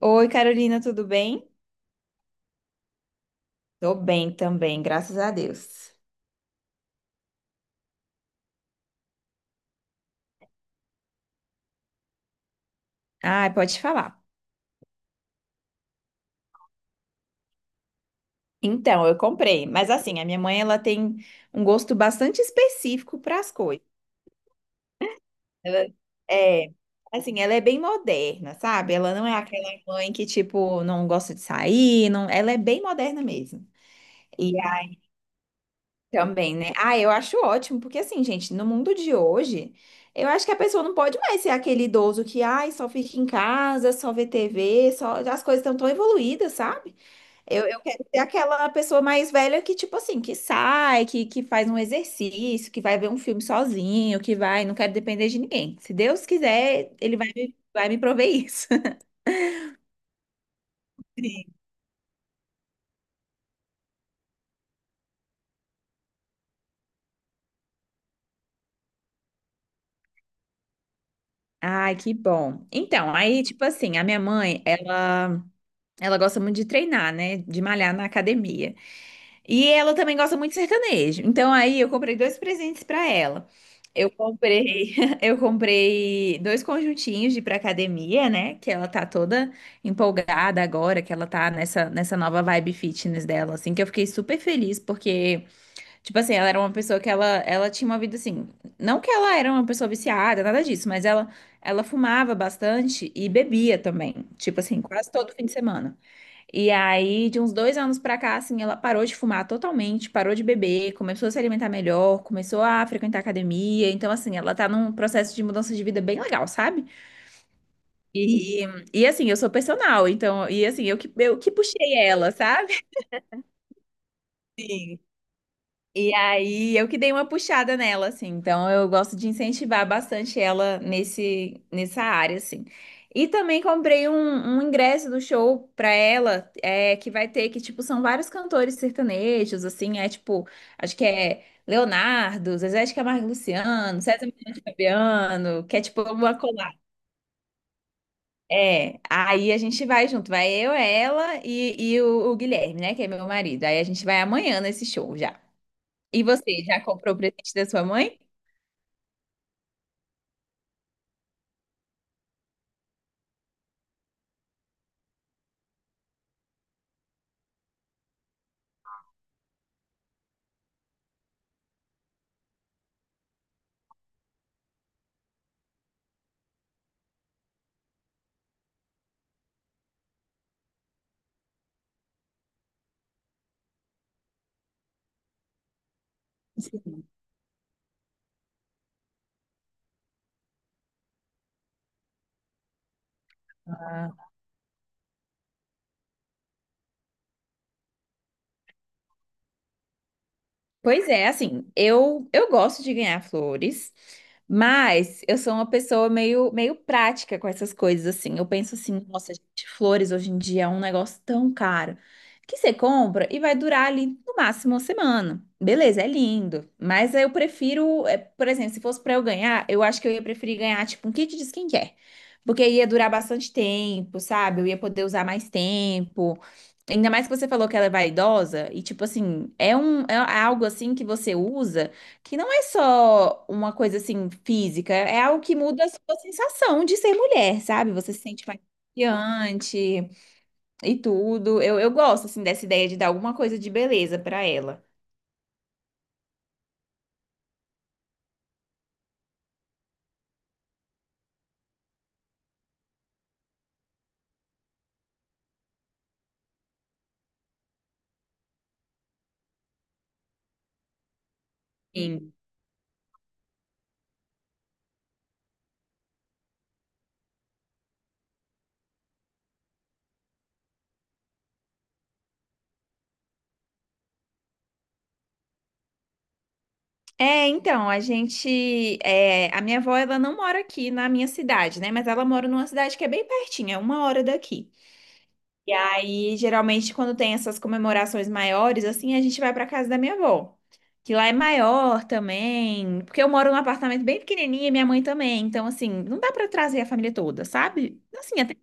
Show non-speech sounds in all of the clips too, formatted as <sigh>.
Oi, Carolina, tudo bem? Tô bem também, graças a Deus. Ah, pode falar. Então, eu comprei, mas assim, a minha mãe ela tem um gosto bastante específico para as coisas. Ela é, assim, ela é bem moderna, sabe? Ela não é aquela mãe que tipo não gosta de sair, não, ela é bem moderna mesmo. E Também, né? Ah, eu acho ótimo, porque assim, gente, no mundo de hoje, eu acho que a pessoa não pode mais ser aquele idoso que, ai, só fica em casa, só vê TV. As coisas estão tão tão evoluídas, sabe? Eu quero ser aquela pessoa mais velha que, tipo assim, que sai, que faz um exercício, que vai ver um filme sozinho, não quero depender de ninguém. Se Deus quiser, ele vai me prover isso. <laughs> Sim. Ai, que bom. Então, aí, tipo assim, a minha mãe, ela gosta muito de treinar, né? De malhar na academia. E ela também gosta muito de sertanejo. Então aí eu comprei dois presentes pra ela. Eu comprei, <laughs> eu comprei dois conjuntinhos de ir pra academia, né? Que ela tá toda empolgada agora, que ela tá nessa nova vibe fitness dela, assim, que eu fiquei super feliz, porque, tipo assim, ela era uma pessoa que ela tinha uma vida assim. Não que ela era uma pessoa viciada, nada disso, mas ela fumava bastante e bebia também. Tipo assim, quase todo fim de semana. E aí, de uns 2 anos pra cá, assim, ela parou de fumar totalmente, parou de beber, começou a se alimentar melhor, começou a frequentar academia. Então, assim, ela tá num processo de mudança de vida bem legal, sabe? E, e assim, eu sou personal, então, e assim, eu que puxei ela, sabe? E aí eu que dei uma puxada nela, assim. Então eu gosto de incentivar bastante ela nesse, nessa área, assim. E também comprei um ingresso do show pra ela, é, que vai ter, que, tipo, são vários cantores sertanejos, assim, é tipo, acho que é Leonardo, Zezé de Camargo e Luciano, César Menotti e Fabiano, que é tipo uma colada. É, aí a gente vai junto, vai eu, ela e o Guilherme, né, que é meu marido. Aí a gente vai amanhã nesse show já. E você, já comprou o presente da sua mãe? Sim. Ah, pois é, assim, eu gosto de ganhar flores, mas eu sou uma pessoa meio prática com essas coisas, assim. Eu penso assim, nossa, gente, flores hoje em dia é um negócio tão caro que você compra e vai durar ali no máximo uma semana. Beleza, é lindo, mas eu prefiro, é, por exemplo, se fosse pra eu ganhar, eu acho que eu ia preferir ganhar tipo um kit de skincare, porque ia durar bastante tempo, sabe? Eu ia poder usar mais tempo. Ainda mais que você falou que ela é vaidosa, e tipo assim, é algo assim que você usa que não é só uma coisa assim física, é algo que muda a sua sensação de ser mulher, sabe? Você se sente mais confiante e tudo. Eu gosto assim dessa ideia de dar alguma coisa de beleza pra ela. Sim. É, então, a minha avó, ela não mora aqui na minha cidade, né? Mas ela mora numa cidade que é bem pertinho, é 1 hora daqui. E aí, geralmente, quando tem essas comemorações maiores, assim, a gente vai pra casa da minha avó, que lá é maior também, porque eu moro num apartamento bem pequenininho e minha mãe também, então, assim, não dá pra trazer a família toda, sabe? Assim, até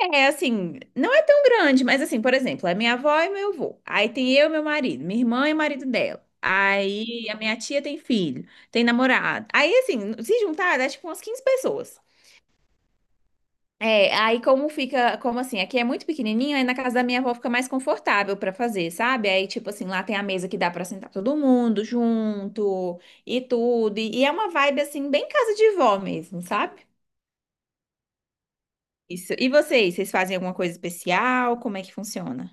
é, assim, não é tão grande, mas, assim, por exemplo, é minha avó e meu avô, aí tem eu e meu marido, minha irmã e o marido dela, aí a minha tia tem filho, tem namorado, aí, assim, se juntar, dá, tipo, umas 15 pessoas. É, aí como fica, como assim, aqui é muito pequenininho, aí na casa da minha avó fica mais confortável pra fazer, sabe? Aí tipo assim, lá tem a mesa que dá pra sentar todo mundo junto e tudo, e é uma vibe assim bem casa de vó mesmo, sabe? Isso. E vocês fazem alguma coisa especial? Como é que funciona?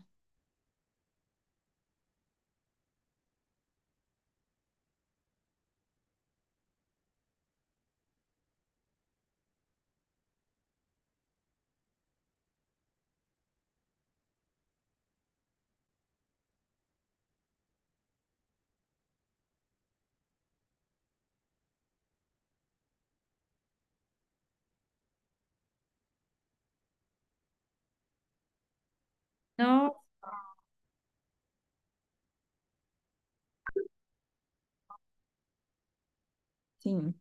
Nossa, sim.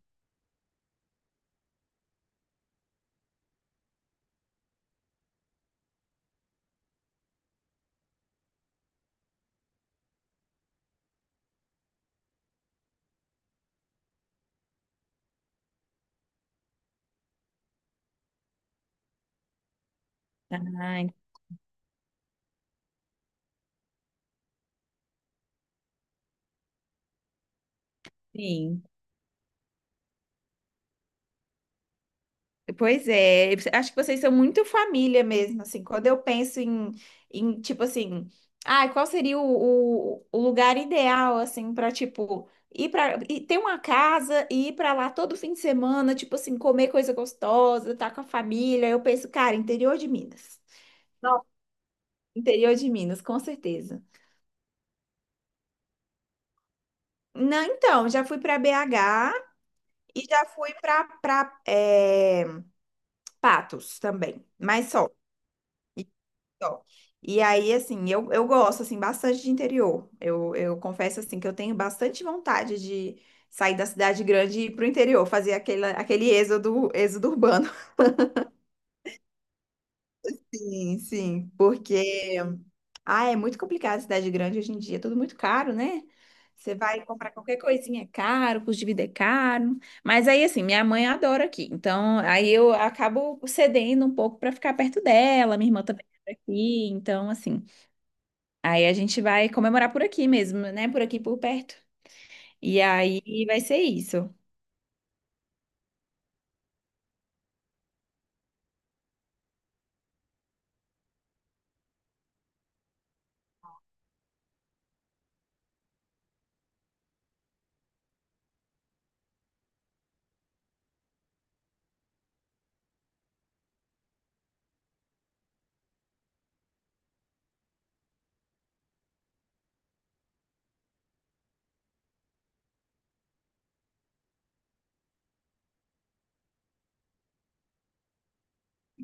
Ah, sim. Pois é, acho que vocês são muito família mesmo, assim, quando eu penso em, tipo assim, ah, qual seria o lugar ideal, assim, para tipo, ir para ter uma casa e ir para lá todo fim de semana, tipo assim, comer coisa gostosa, estar com a família, eu penso, cara, interior de Minas. Nossa, interior de Minas, com certeza. Não, então, já fui para BH e já fui para Patos também, mas só. Só. E aí, assim, eu gosto, assim, bastante de interior. Eu confesso, assim, que eu tenho bastante vontade de sair da cidade grande e ir pro interior, fazer aquele êxodo, êxodo urbano. <laughs> Sim, sim, porque... Ah, é muito complicado a cidade grande hoje em dia, é tudo muito caro, né? Você vai comprar qualquer coisinha é caro, custo de vida é caro. Mas aí, assim, minha mãe adora aqui. Então, aí eu acabo cedendo um pouco para ficar perto dela, minha irmã também mora aqui. Então, assim, aí a gente vai comemorar por aqui mesmo, né? Por aqui por perto. E aí vai ser isso.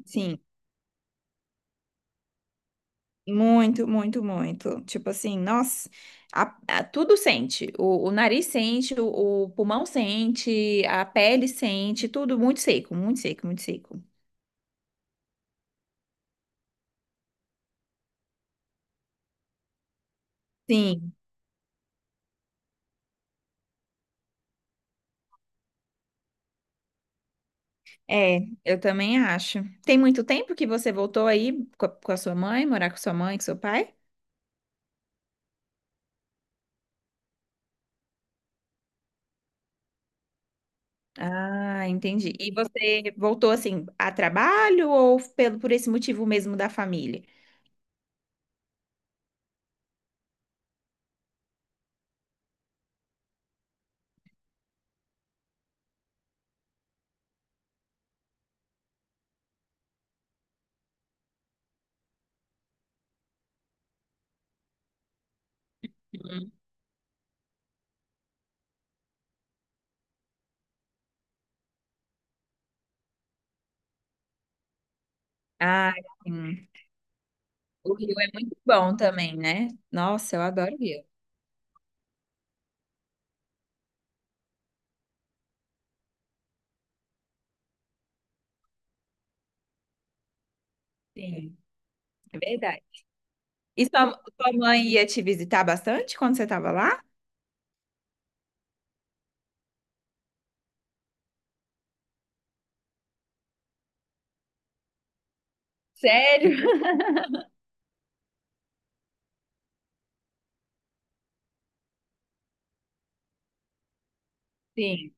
Sim, muito, muito, muito. Tipo assim, nossa, tudo sente. O nariz sente, o pulmão sente, a pele sente, tudo muito seco, muito seco, muito seco. Sim, é, eu também acho. Tem muito tempo que você voltou aí com a sua mãe, morar com sua mãe, com seu pai? Ah, entendi. E você voltou assim a trabalho ou pelo por esse motivo mesmo da família? Hum. Ah, sim. O Rio é muito bom também, né? Nossa, eu adoro o Rio. Sim. É verdade. E sua mãe ia te visitar bastante quando você estava lá? Sério? Sim.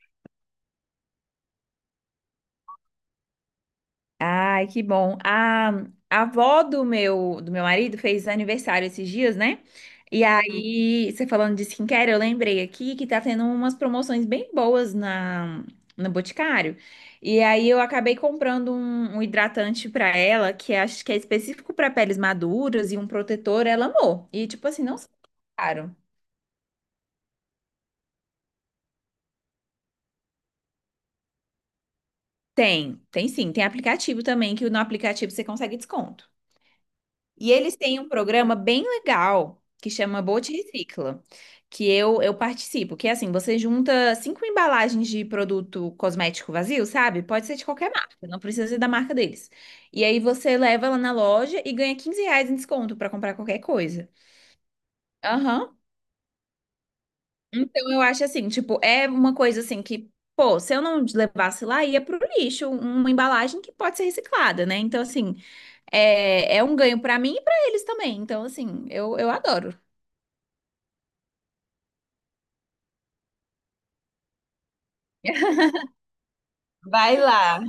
Ai, que bom. A avó do meu marido fez aniversário esses dias, né? E aí, você falando de skincare, eu lembrei aqui que tá tendo umas promoções bem boas no Boticário. E aí eu acabei comprando um, hidratante pra ela, que é, acho que é específico pra peles maduras e um protetor, ela amou. E tipo assim, não são caro. Tem, tem sim, tem aplicativo também, que no aplicativo você consegue desconto. E eles têm um programa bem legal que chama Bote Recicla, que eu participo, que é assim, você junta cinco embalagens de produto cosmético vazio, sabe? Pode ser de qualquer marca, não precisa ser da marca deles. E aí você leva lá na loja e ganha R$ 15 em desconto pra comprar qualquer coisa. Aham. Então eu acho assim, tipo, é uma coisa assim que, pô, se eu não levasse lá, ia pro lixo, uma embalagem que pode ser reciclada, né? Então, assim, é um ganho pra mim e pra eles também. Então, assim, eu adoro. Vai lá.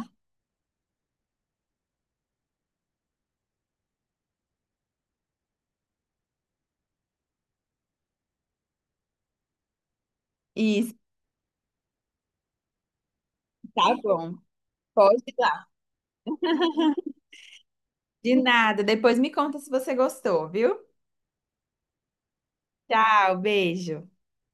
Isso, tá bom. Pode ir lá. De nada. Depois me conta se você gostou, viu? Tchau, beijo.